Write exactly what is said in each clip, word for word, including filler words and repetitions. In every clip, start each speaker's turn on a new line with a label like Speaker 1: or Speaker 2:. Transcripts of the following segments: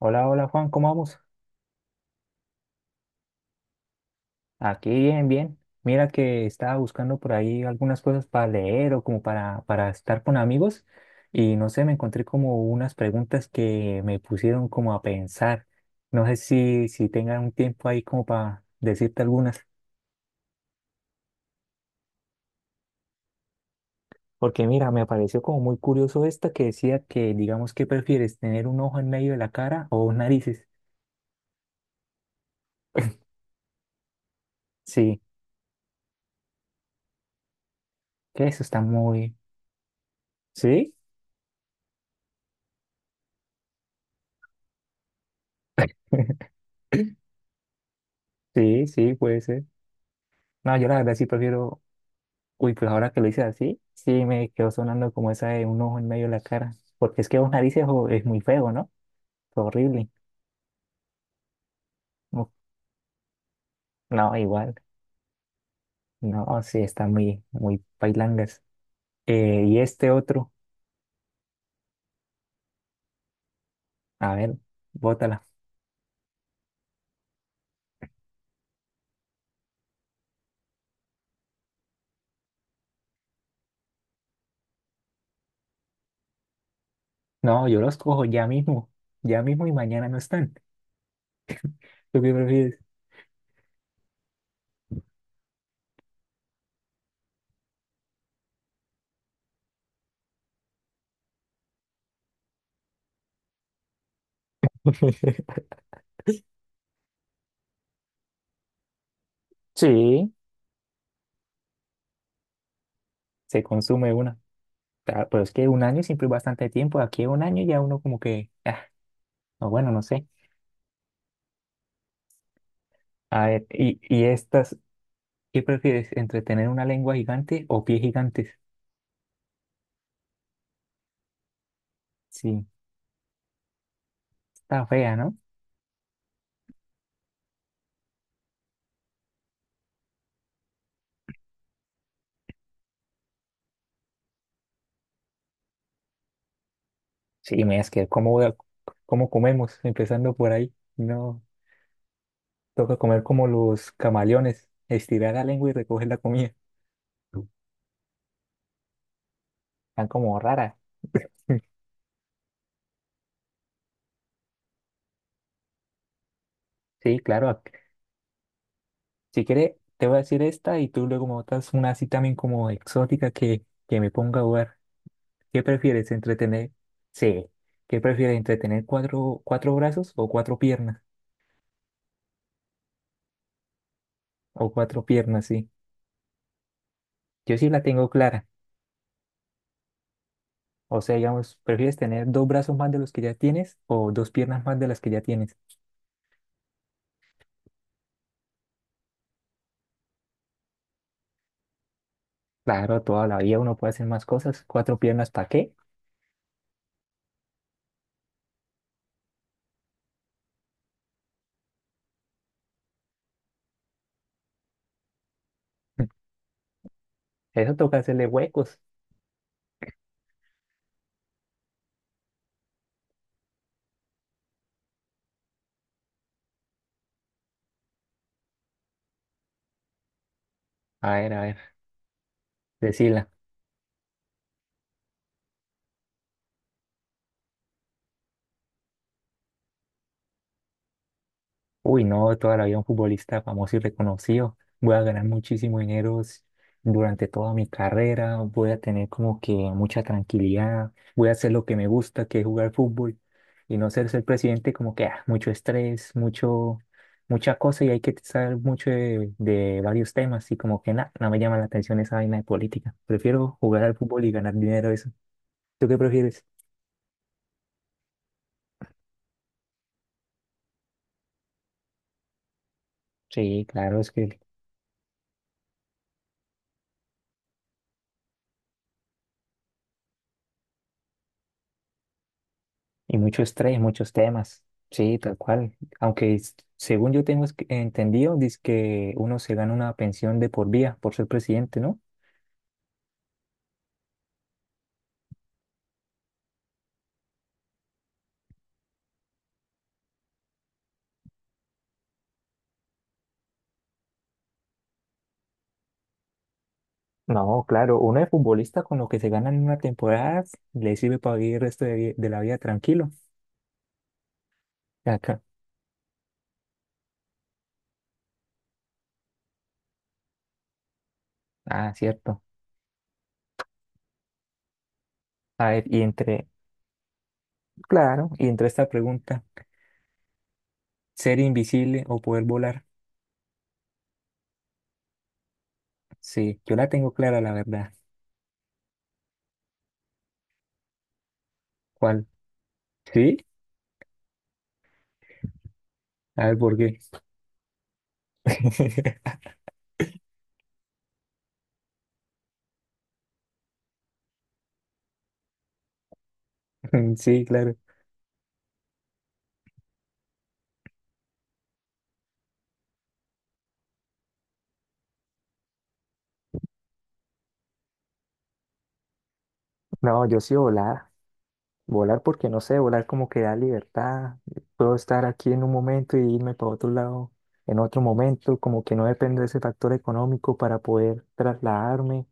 Speaker 1: Hola, hola Juan, ¿cómo vamos? Aquí bien, bien. Mira que estaba buscando por ahí algunas cosas para leer o como para, para estar con amigos y no sé, me encontré como unas preguntas que me pusieron como a pensar. No sé si, si tengan un tiempo ahí como para decirte algunas. Porque mira, me pareció como muy curioso esta que decía que, digamos, ¿qué prefieres? ¿Tener un ojo en medio de la cara o dos narices? Sí, que eso está muy... ¿Sí? Sí, sí, puede ser. No, yo la verdad sí prefiero. Uy, pues ahora que lo hice así, sí me quedó sonando como esa de un ojo en medio de la cara. Porque es que una narices es, es muy feo, ¿no? Fue horrible. Uf, no, igual. No, sí, está muy, muy pailangas. Eh, y este otro, a ver, bótala. No, yo los cojo ya mismo. Ya mismo y mañana no están. ¿Tú qué prefieres? Sí, se consume una. Ta- Pero es que un año siempre es bastante tiempo. Aquí un año ya uno como que, ah, o bueno, no sé. A ver, y, y estas. ¿Qué prefieres, entre tener una lengua gigante o pies gigantes? Sí, está fea, ¿no? Sí, me es que cómo, voy a- cómo comemos, empezando por ahí. No, toca comer como los camaleones, estirar la lengua y recoger la comida. Están como raras. Sí, claro. ac- Si quiere, te voy a decir esta y tú luego me botas una así también como exótica que, que me ponga a jugar. ¿Qué prefieres, entretener? Sí. ¿Qué prefieres, entretener cuatro, cuatro brazos o cuatro piernas? O cuatro piernas, sí. Yo sí la tengo clara. O sea, digamos, ¿prefieres tener dos brazos más de los que ya tienes o dos piernas más de las que ya tienes? Claro, toda la vida uno puede hacer más cosas. ¿Cuatro piernas para qué? Eso toca hacerle huecos. A ver, a ver, decila. Uy, no, toda la vida un futbolista famoso y reconocido. Voy a ganar muchísimo dinero s- durante toda mi carrera. Voy a tener como que mucha tranquilidad. Voy a hacer lo que me gusta, que es jugar fútbol. Y no ser ser presidente como que ah, mucho estrés, mucho, mucha cosa y hay que saber mucho de, de varios temas. Y como que nada, no me llama la atención esa vaina de política. Prefiero jugar al fútbol y ganar dinero eso. ¿Tú qué prefieres? Sí, claro, es que. Y mucho estrés, muchos temas. Sí, tal cual. Aunque es- según yo tengo es que- entendido, dice que uno se gana una pensión de por vida por ser presidente, ¿no? No, claro, uno de futbolista con lo que se gana en una temporada le sirve para vivir el resto de, vi- de la vida tranquilo. Acá. Ah, cierto. A ver, y entre, claro, y entre esta pregunta, ¿ser invisible o poder volar? Sí, yo la tengo clara, la verdad. ¿Cuál? Sí, a ver por qué. Sí, claro. No, yo sí volar. Volar porque no sé, volar como que da libertad. Puedo estar aquí en un momento y irme para otro lado en otro momento, como que no depende de ese factor económico para poder trasladarme.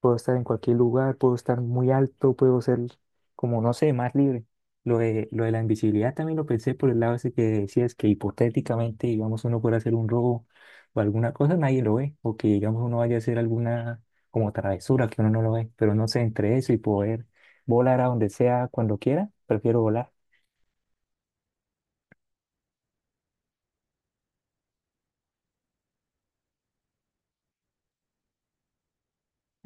Speaker 1: Puedo estar en cualquier lugar, puedo estar muy alto, puedo ser como, no sé, más libre. Lo de, lo de la invisibilidad también lo pensé por el lado ese que decías que hipotéticamente, digamos, uno puede hacer un robo o alguna cosa, nadie lo ve, o que, digamos, uno vaya a hacer alguna como travesura que uno no lo ve, pero no sé, entre eso y poder volar a donde sea, cuando quiera. Prefiero volar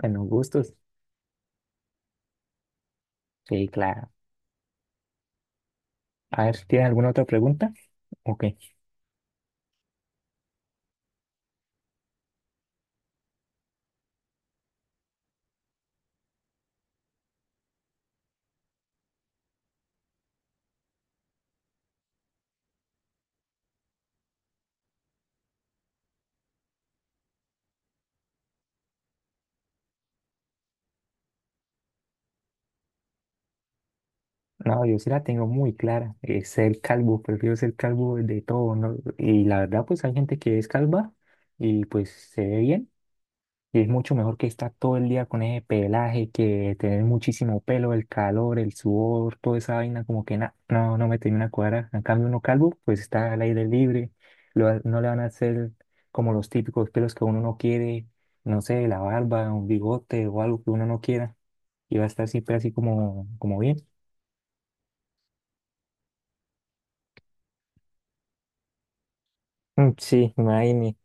Speaker 1: en los gustos. Sí, claro. A ver, ¿tienes alguna otra pregunta? Ok. No, yo sí la tengo muy clara. Eh, ser calvo, prefiero ser calvo de todo, ¿no? Y la verdad, pues hay gente que es calva y pues se ve bien. Y es mucho mejor que estar todo el día con ese pelaje, que tener muchísimo pelo, el calor, el sudor, toda esa vaina, como que na- no, no me termina de cuadrar. En cambio, uno calvo, pues está al aire libre, lo va- no le van a hacer como los típicos pelos que uno no quiere, no sé, la barba, un bigote o algo que uno no quiera, y va a estar siempre así como, como bien. Mm, sí, imagínate.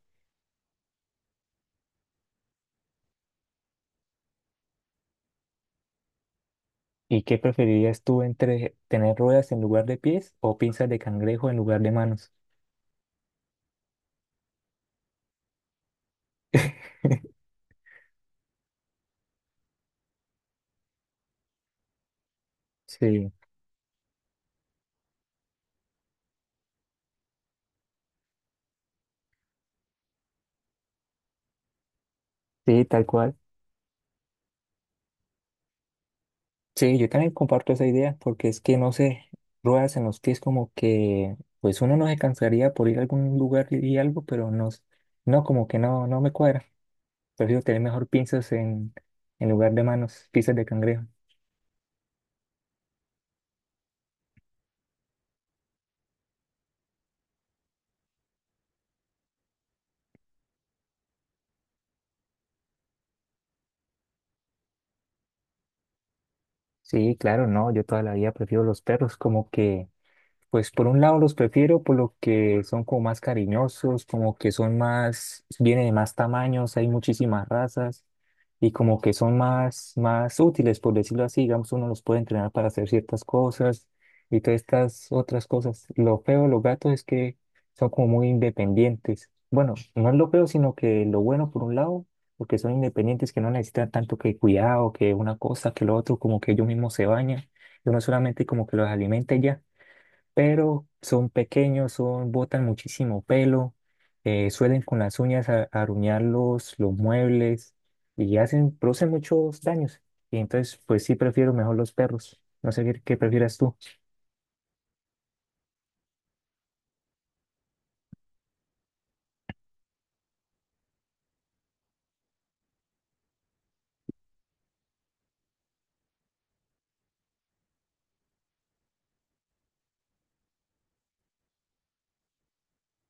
Speaker 1: ¿Y qué preferirías tú entre tener ruedas en lugar de pies o pinzas de cangrejo en lugar de manos? Sí, sí, tal cual. Sí, yo también comparto esa idea porque es que no sé, ruedas en los pies como que pues uno no se cansaría por ir a algún lugar y y algo, pero no, s- no como que no, no me cuadra. Prefiero tener mejor pinzas en, en lugar de manos, pinzas de cangrejo. Sí, claro, no, yo toda la vida prefiero los perros, como que. Pues por un lado los prefiero por lo que son como más cariñosos, como que son más, vienen de más tamaños, hay muchísimas razas y como que son más, más útiles, por decirlo así, digamos, uno los puede entrenar para hacer ciertas cosas y todas estas otras cosas. Lo feo de los gatos es que son como muy independientes. Bueno, no es lo feo, sino que lo bueno por un lado, porque son independientes, que no necesitan tanto que cuidado, que una cosa, que lo otro, como que ellos mismos se bañan, y uno solamente como que los alimenta y ya, pero son pequeños, son, botan muchísimo pelo, eh, suelen con las uñas a- aruñar los, los muebles y hacen, producen muchos daños. Y entonces, pues sí prefiero mejor los perros. No sé qué, qué prefieras tú.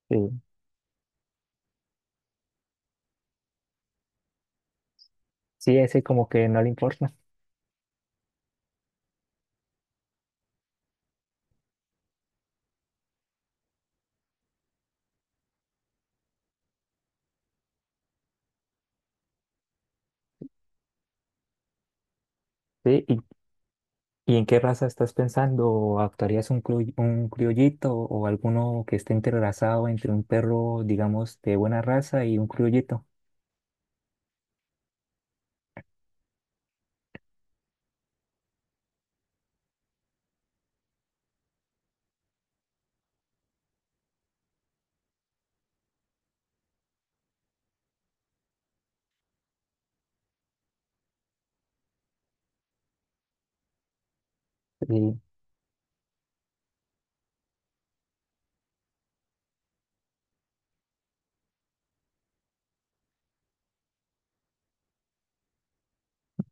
Speaker 1: Sí, sí, ese como que no le importa. Sí, ¿y, y en qué raza estás pensando? ¿Actuarías un, cru- un criollito o alguno que esté entrelazado entre un perro, digamos, de buena raza y un criollito?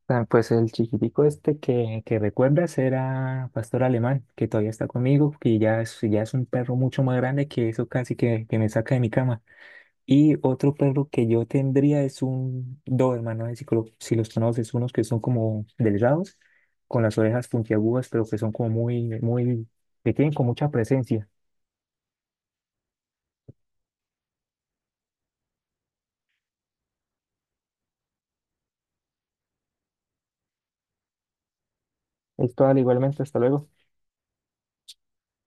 Speaker 1: Ah, pues el chiquitico este que, que recuerdas era pastor alemán, que todavía está conmigo, que ya es, ya es un perro mucho más grande que eso casi que, que me saca de mi cama. Y otro perro que yo tendría es un Doberman, no sé si, colo- si los conoces, unos que son como delgados, con las orejas puntiagudas, pero que son como muy, muy, que tienen con mucha presencia. Esto, igualmente, hasta luego.